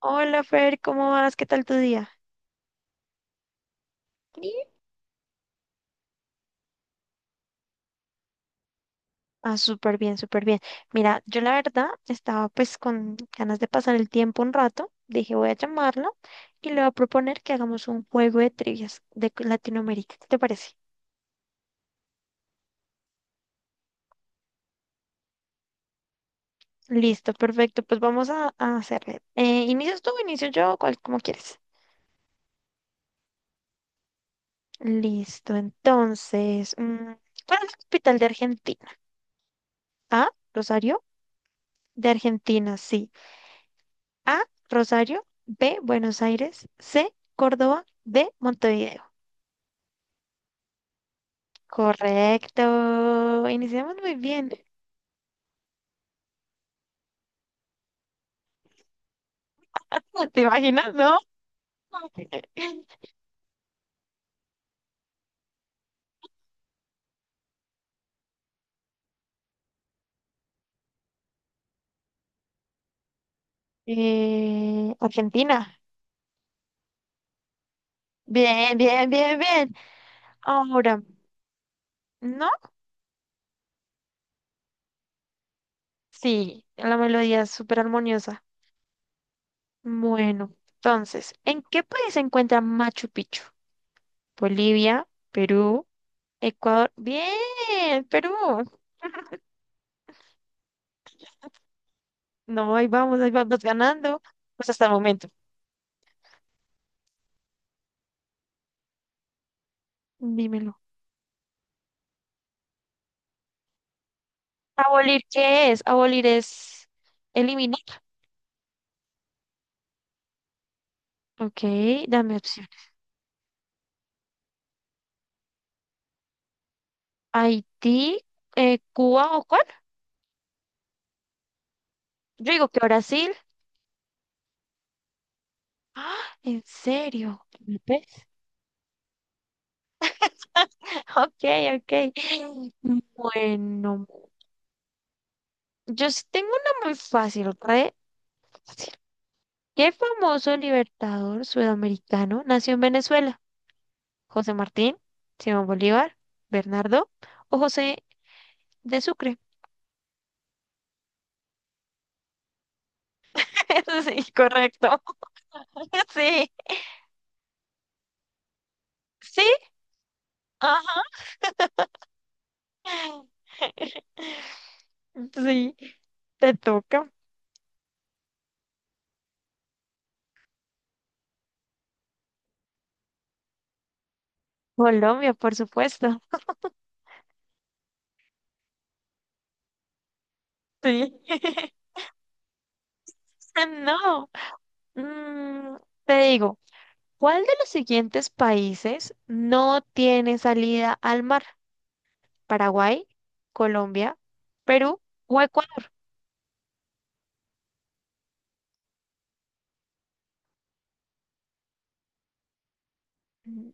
Hola Fer, ¿cómo vas? ¿Qué tal tu día? Bien. Ah, súper bien, súper bien. Mira, yo la verdad estaba pues con ganas de pasar el tiempo un rato. Dije, voy a llamarlo y le voy a proponer que hagamos un juego de trivias de Latinoamérica. ¿Qué te parece? Listo, perfecto. Pues vamos a hacerle. ¿Inicias tú, o inicio yo, cual, como quieres? Listo, entonces, ¿cuál es la capital de Argentina? A, Rosario, de Argentina, sí. A, Rosario, B, Buenos Aires, C, Córdoba, D, Montevideo. Correcto. Iniciamos muy bien. ¿Te imaginas, no? Argentina. Bien, bien, bien, bien. Ahora, ¿no? Sí, la melodía es súper armoniosa. Bueno, entonces, ¿en qué país se encuentra Machu Picchu? Bolivia, Perú, Ecuador. Bien, Perú. No, ahí vamos ganando. Pues hasta el momento. Dímelo. ¿Abolir qué es? Abolir es eliminar. Ok, dame opciones. Haití, Cuba o cuál? Yo digo que Brasil. ¿En serio? ¿Ves? Ok, ok. Bueno, yo sí tengo una muy fácil, re fácil. ¿Qué famoso libertador sudamericano nació en Venezuela? ¿José Martín, Simón Bolívar, Bernardo o José de Sucre? Sí, correcto. Sí, sí, ajá. Sí, te toca. Colombia, por supuesto. Sí. No. Mm, te digo, ¿cuál de los siguientes países no tiene salida al mar? Paraguay, Colombia, Perú o Ecuador. Mm,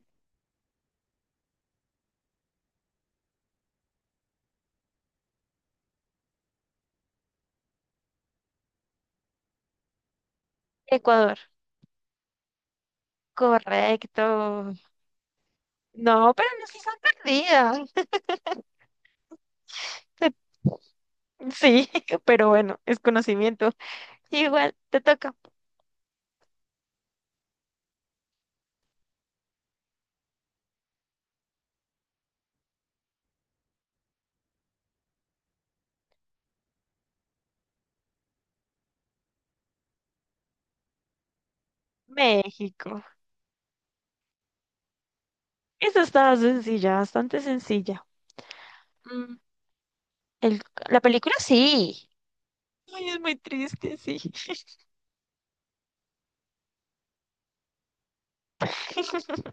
Ecuador. Correcto. No, pero no se perdida. Te- Sí, pero bueno, es conocimiento. Igual te toca. México. Esa estaba sencilla, bastante sencilla. Mm, el- la película sí. Ay, es muy triste, sí.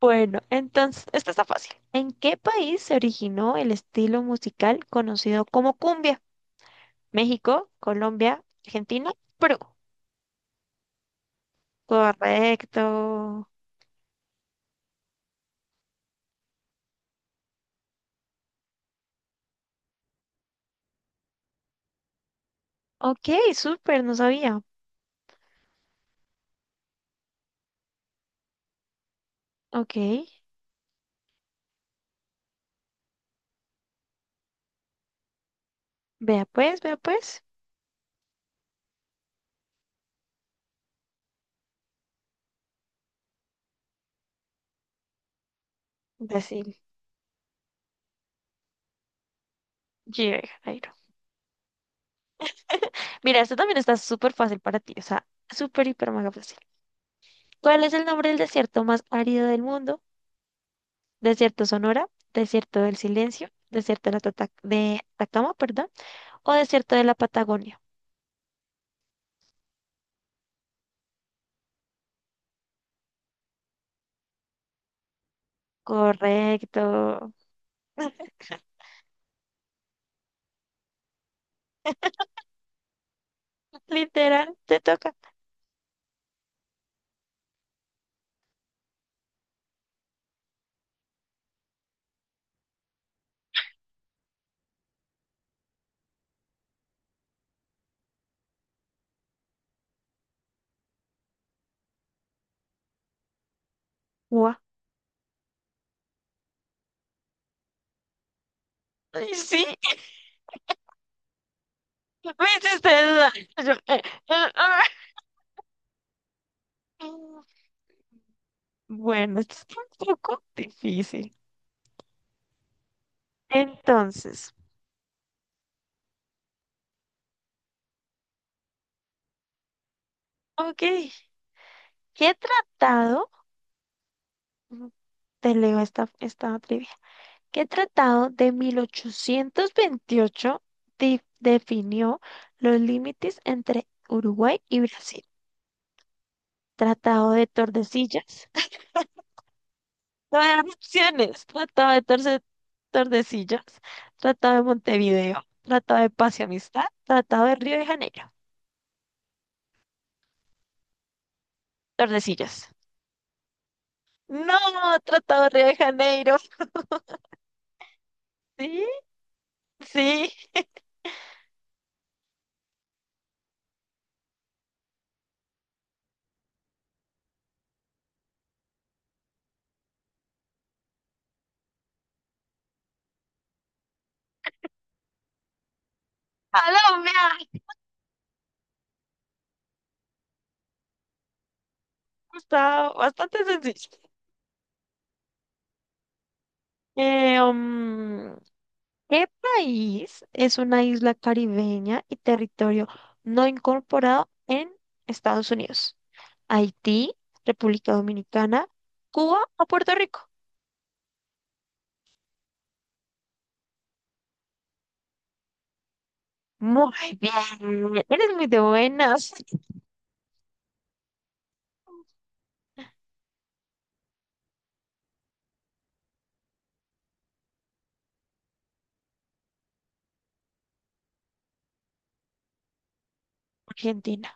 Bueno, entonces, esta está fácil. ¿En qué país se originó el estilo musical conocido como cumbia? México, Colombia, Argentina, Perú. Correcto. Ok, súper, no sabía. Ok, vea pues, vea pues. Brasil, Río de Janeiro. Mira, esto también está súper fácil para ti, o sea, súper, hiper, mega fácil. ¿Cuál es el nombre del desierto más árido del mundo? ¿Desierto Sonora? ¿Desierto del Silencio? ¿Desierto de, la de Atacama, perdón? ¿O desierto de la Patagonia? Correcto. Literal, te toca. Guau. Ay, sí, me hiciste dudar. Yo, eh, ah. Bueno, esto está un poco difícil. Entonces, ok, ¿qué tratado? Te leo esta trivia. ¿Qué tratado de 1828 definió los límites entre Uruguay y Brasil? Tratado de Tordesillas. No hay opciones. Tordesillas. Tratado de Montevideo. Tratado de Paz y Amistad. Tratado de Río de Janeiro. Tordesillas. No, Tratado de Río de Janeiro. Sí, sí. Colombia. Está bastante sencillo. Eh, mm, ¿Qué país es una isla caribeña y territorio no incorporado en Estados Unidos? ¿Haití, República Dominicana, Cuba o Puerto Rico? Muy bien, eres muy de buenas. Argentina.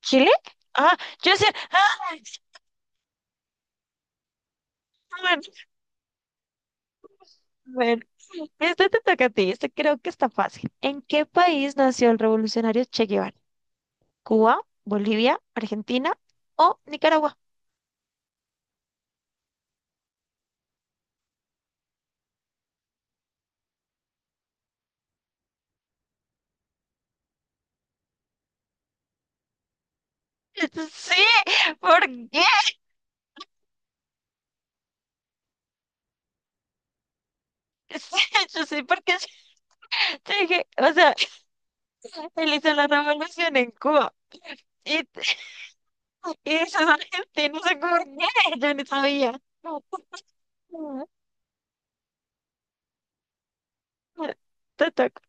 ¿Chile? Ah, yo sé. Ah, bueno, bueno. Este te toca a ti, este creo que está fácil. ¿En qué país nació el revolucionario Che Guevara? ¿Cuba, Bolivia, Argentina o Nicaragua? Sí, ¿por qué? Sí, yo sé, porque yo dije, o sea, él hizo la revolución en Cuba y, y esos argentinos se por qué, yo no sabía. No, Te toca,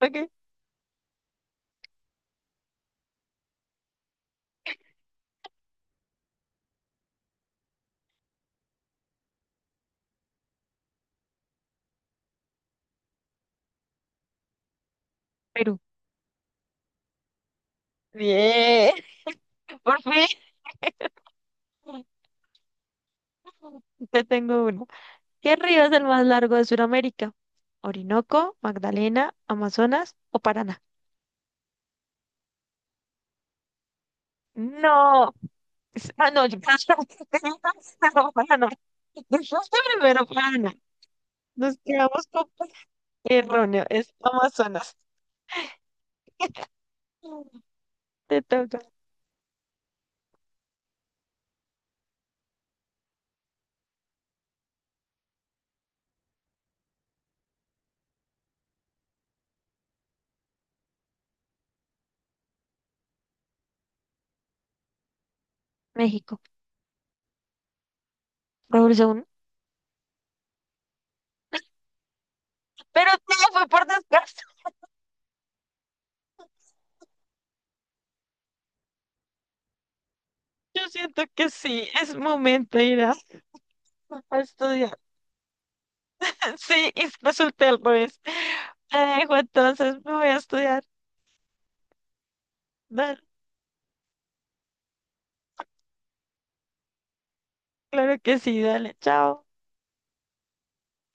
ok. Perú. Bien, por fin. Te tengo uno. ¿Qué río es el más largo de Sudamérica? ¿Orinoco, Magdalena, Amazonas o Paraná? No. Ah, no, yo no, Paraná. Yo dijiste primero Paraná. Nos quedamos con erróneo, es Amazonas. Te toca. México. Revolución. Pero no, fue por descanso. Yo siento que sí, es momento de ir a estudiar. Sí, y resulté al revés. Te dejo entonces, me voy a estudiar. Dale, claro que sí, dale, chao.